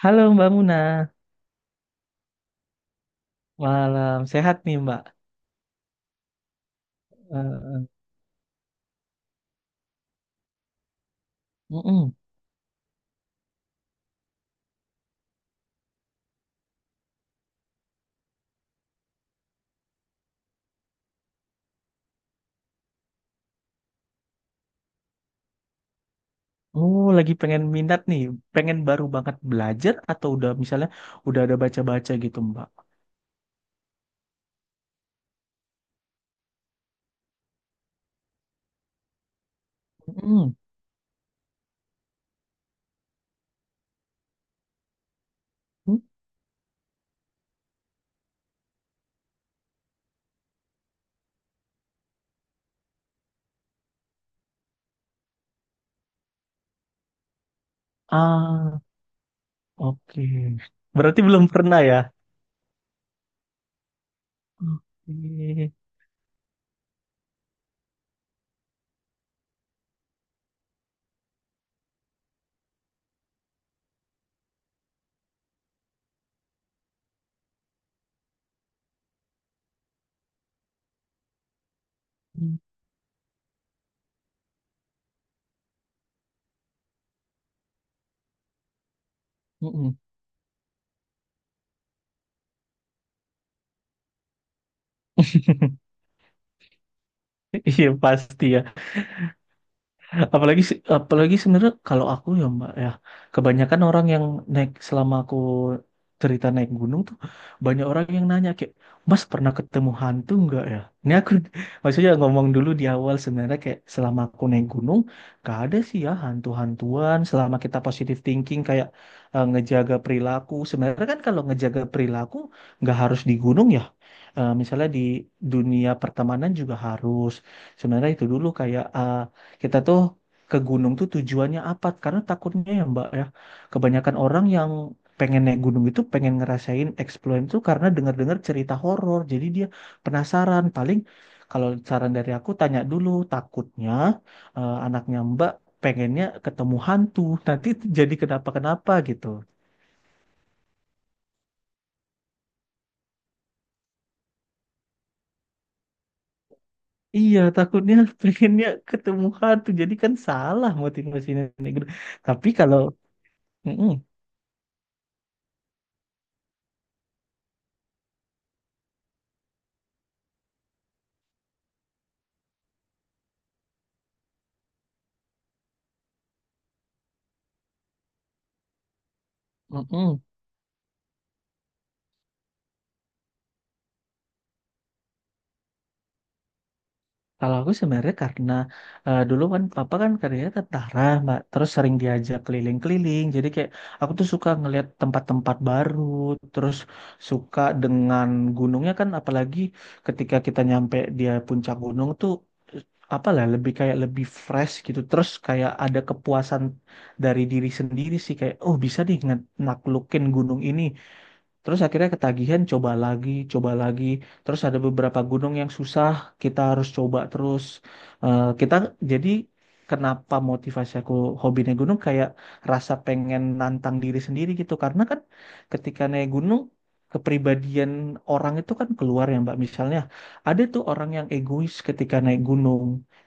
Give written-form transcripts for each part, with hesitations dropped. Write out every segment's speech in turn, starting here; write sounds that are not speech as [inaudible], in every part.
Halo Mbak Muna, malam sehat nih Mbak. Eh, mm-mm. Oh lagi pengen minat nih, pengen baru banget belajar atau udah misalnya udah ada baca-baca gitu Mbak. Mm-mm. Hmm? Ah oke, berarti belum pernah ya? Oke. Mm-mm. [laughs] Iya pasti ya. Apalagi sebenarnya kalau aku ya Mbak ya, kebanyakan orang yang naik selama aku cerita naik gunung tuh banyak orang yang nanya kayak, "Mas pernah ketemu hantu nggak ya?" Ini aku [laughs] maksudnya ngomong dulu di awal sebenarnya kayak selama aku naik gunung gak ada sih ya hantu-hantuan selama kita positive thinking kayak ngejaga perilaku. Sebenarnya kan kalau ngejaga perilaku nggak harus di gunung ya, misalnya di dunia pertemanan juga harus, sebenarnya itu dulu kayak kita tuh ke gunung tuh tujuannya apa, karena takutnya ya Mbak ya, kebanyakan orang yang pengen naik gunung itu pengen ngerasain explore itu karena dengar-dengar cerita horor jadi dia penasaran paling. Kalau saran dari aku, tanya dulu takutnya, anaknya Mbak pengennya ketemu hantu [laughs] nanti jadi kenapa-kenapa gitu. Iya, takutnya pengennya ketemu hantu. Jadi kan salah motivasinya kayak gitu. Tapi kalau mm-mm, mm-mm. Kalau aku sebenarnya karena dulu kan papa kan kerjanya tentara, Mbak. Terus sering diajak keliling-keliling. Jadi kayak aku tuh suka ngelihat tempat-tempat baru, terus suka dengan gunungnya kan, apalagi ketika kita nyampe dia puncak gunung tuh apalah lebih kayak lebih fresh gitu, terus kayak ada kepuasan dari diri sendiri sih kayak oh bisa nih naklukin gunung ini. Terus akhirnya ketagihan, coba lagi, coba lagi. Terus ada beberapa gunung yang susah, kita harus coba terus. Kita jadi kenapa motivasi aku hobi naik gunung kayak rasa pengen nantang diri sendiri gitu. Karena kan ketika naik gunung, kepribadian orang itu kan keluar ya Mbak. Misalnya ada tuh orang yang egois ketika naik gunung.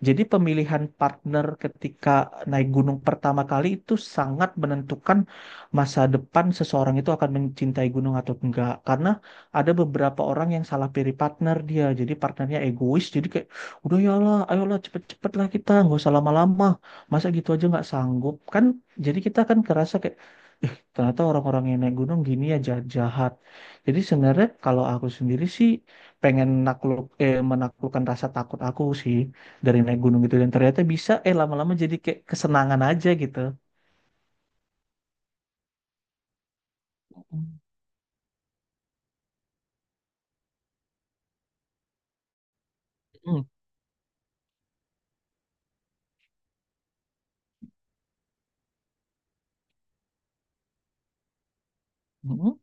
Jadi pemilihan partner ketika naik gunung pertama kali itu sangat menentukan masa depan seseorang itu akan mencintai gunung atau enggak, karena ada beberapa orang yang salah pilih partner, dia jadi partnernya egois, jadi kayak udah ya lah ayolah cepet-cepet lah kita nggak usah lama-lama, masa gitu aja nggak sanggup kan, jadi kita kan kerasa kayak ternyata orang-orang yang naik gunung gini ya jahat-jahat. Jadi sebenarnya kalau aku sendiri sih pengen nakluk eh menaklukkan rasa takut aku sih dari naik gunung gitu, dan ternyata bisa, lama-lama jadi kayak kesenangan aja gitu. Mm. Mm.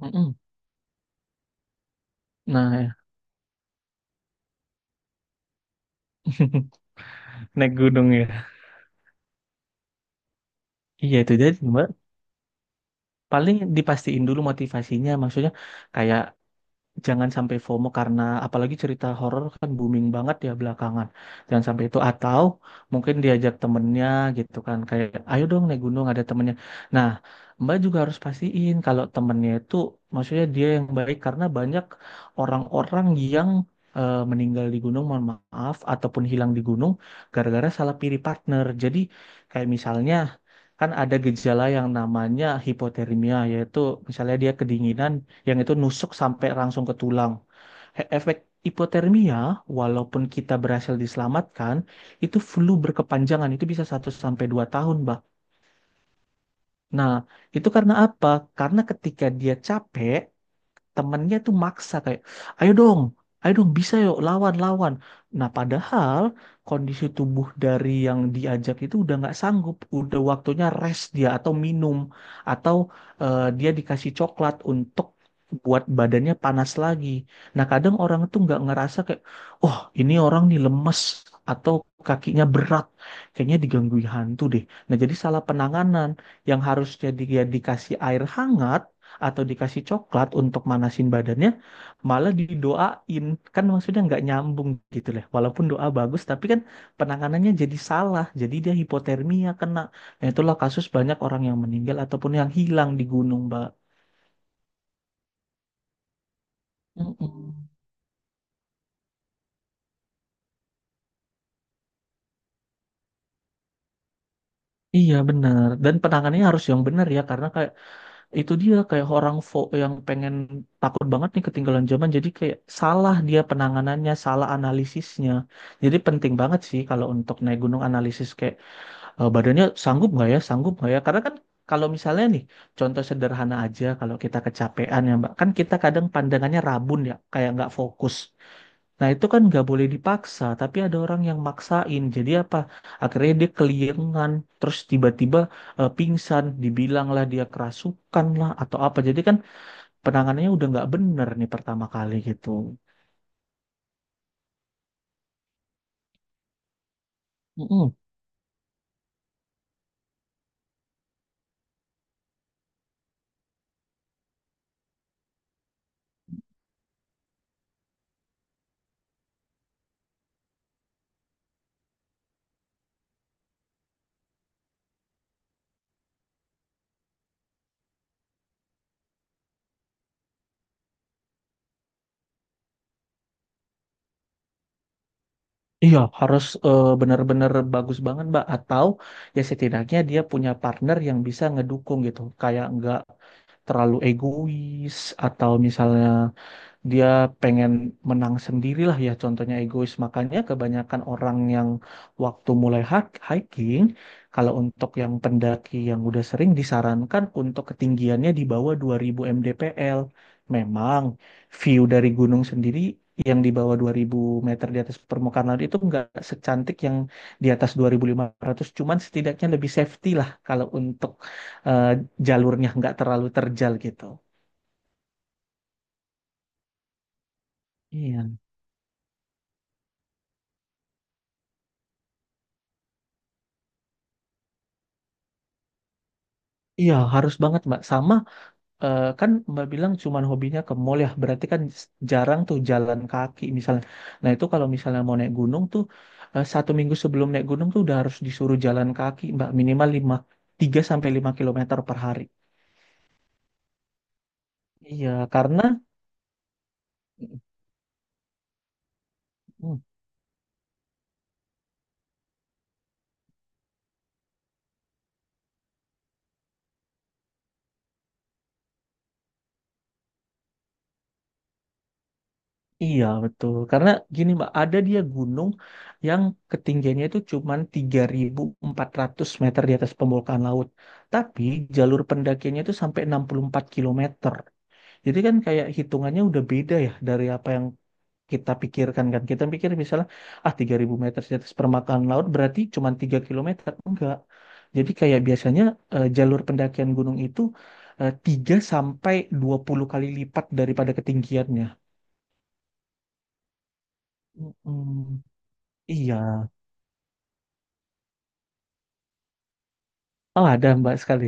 Mm-mm. Nah, ya. [laughs] Naik gunung ya. Iya itu jadi Mbak. Paling dipastiin dulu motivasinya, maksudnya kayak jangan sampai FOMO karena apalagi cerita horor kan booming banget ya belakangan. Jangan sampai itu, atau mungkin diajak temennya gitu kan, kayak ayo dong naik gunung ada temennya. Nah, Mbak juga harus pastiin kalau temennya itu maksudnya dia yang baik, karena banyak orang-orang yang meninggal di gunung, mohon maaf, ataupun hilang di gunung gara-gara salah pilih partner. Jadi kayak misalnya kan ada gejala yang namanya hipotermia, yaitu misalnya dia kedinginan yang itu nusuk sampai langsung ke tulang. Efek hipotermia, walaupun kita berhasil diselamatkan, itu flu berkepanjangan, itu bisa 1 sampai 2 tahun, Mbak. Nah, itu karena apa? Karena ketika dia capek, temennya tuh maksa kayak ayo dong, ayo dong bisa yuk lawan lawan, nah padahal kondisi tubuh dari yang diajak itu udah nggak sanggup, udah waktunya rest dia, atau minum, atau dia dikasih coklat untuk buat badannya panas lagi. Nah kadang orang tuh nggak ngerasa, kayak oh ini orang nih lemes, atau kakinya berat, kayaknya digangguin hantu deh. Nah jadi salah penanganan, yang harusnya dia dikasih air hangat atau dikasih coklat untuk manasin badannya, malah didoain. Kan maksudnya nggak nyambung gitu lah. Walaupun doa bagus, tapi kan penanganannya jadi salah. Jadi dia hipotermia kena. Nah, itulah kasus banyak orang yang meninggal ataupun yang hilang di gunung, Mbak. Mm-mm. Iya benar, dan penanganannya harus yang benar ya, karena kayak itu dia kayak orang fo yang pengen, takut banget nih ketinggalan zaman, jadi kayak salah, dia penanganannya salah, analisisnya. Jadi penting banget sih kalau untuk naik gunung analisis kayak badannya sanggup nggak ya, sanggup nggak ya? Karena kan kalau misalnya nih, contoh sederhana aja, kalau kita kecapean ya Mbak, kan kita kadang pandangannya rabun ya, kayak nggak fokus. Nah itu kan nggak boleh dipaksa, tapi ada orang yang maksain. Jadi apa? Akhirnya dia keliengan, terus tiba-tiba pingsan, dibilanglah dia kerasukan lah atau apa. Jadi kan penanganannya udah nggak bener nih pertama kali gitu. Mm-mm. Iya, harus benar-benar bagus banget, Mbak. Atau ya setidaknya dia punya partner yang bisa ngedukung gitu. Kayak nggak terlalu egois, atau misalnya dia pengen menang sendirilah ya, contohnya egois. Makanya kebanyakan orang yang waktu mulai hiking, kalau untuk yang pendaki yang udah sering, disarankan untuk ketinggiannya di bawah 2000 mdpl. Memang view dari gunung sendiri yang di bawah 2000 meter di atas permukaan laut itu nggak secantik yang di atas 2500, cuman setidaknya lebih safety lah, kalau untuk eh, jalurnya nggak terlalu terjal gitu. Iya, iya, harus banget Mbak. Sama kan Mbak bilang cuman hobinya ke mall ya, berarti kan jarang tuh jalan kaki misalnya. Nah itu kalau misalnya mau naik gunung tuh 1 minggu sebelum naik gunung tuh udah harus disuruh jalan kaki Mbak, minimal 3 sampai 5 kilometer per hari. Iya, karena. Hmm. Iya betul, karena gini Mbak, ada dia gunung yang ketinggiannya itu cuma 3.400 meter di atas permukaan laut, tapi jalur pendakiannya itu sampai 64 kilometer. Jadi kan kayak hitungannya udah beda ya dari apa yang kita pikirkan kan. Kita pikir misalnya ah 3000 meter di atas permukaan laut berarti cuma 3 kilometer. Enggak. Jadi kayak biasanya jalur pendakian gunung itu 3 sampai 20 kali lipat daripada ketinggiannya. Mm. Iya. Oh, ada Mbak sekali.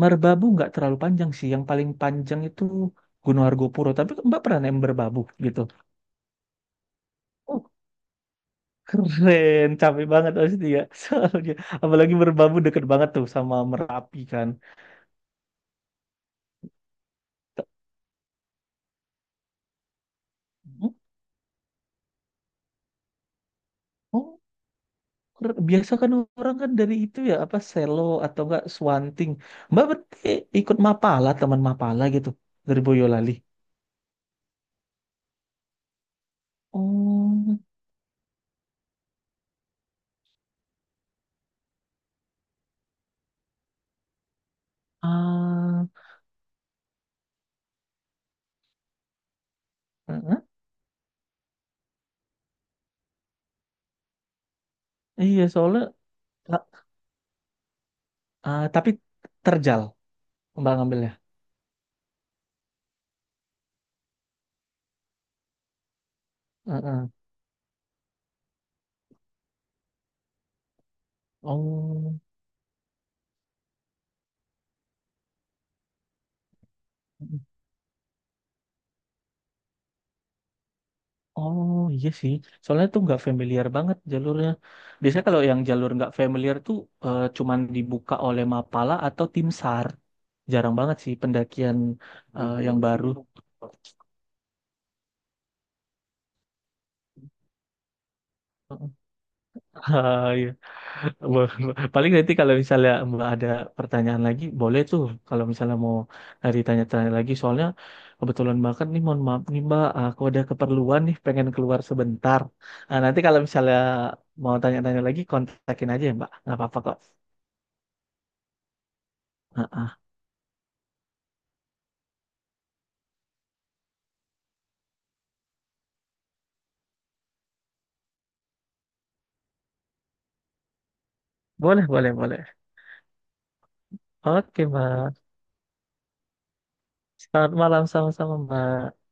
Merbabu nggak terlalu panjang sih. Yang paling panjang itu Gunung Argopuro. Tapi Mbak pernah naik Merbabu gitu. Keren, capek banget pasti ya. [laughs] Soalnya, apalagi Merbabu deket banget tuh sama Merapi kan. T- Oh, keren. Biasa kan orang kan dari itu ya apa Selo atau enggak Swanting. Mbak berarti ikut Mapala, teman Mapala gitu dari Boyolali. Oh, ah, heeh. Iya soalnya la- ah, tapi terjal Mbak ngambilnya. Heeh. Oh. Oh iya sih, soalnya tuh nggak familiar banget jalurnya. Biasanya kalau yang jalur nggak familiar tuh cuman dibuka oleh Mapala atau Tim SAR. Jarang banget sih pendakian yang baru. [laughs] Ah, iya. Paling nanti kalau misalnya Mbak ada pertanyaan lagi, boleh tuh kalau misalnya mau ditanya-tanya lagi. Soalnya kebetulan banget nih, mohon maaf nih Mbak, aku ada keperluan nih, pengen keluar sebentar. Ah, nanti kalau misalnya mau tanya-tanya lagi, kontakin aja ya Mbak, nggak apa-apa kok. Ah, ah. Boleh, boleh, boleh. Oke, Mbak. Selamat malam sama-sama, Mbak.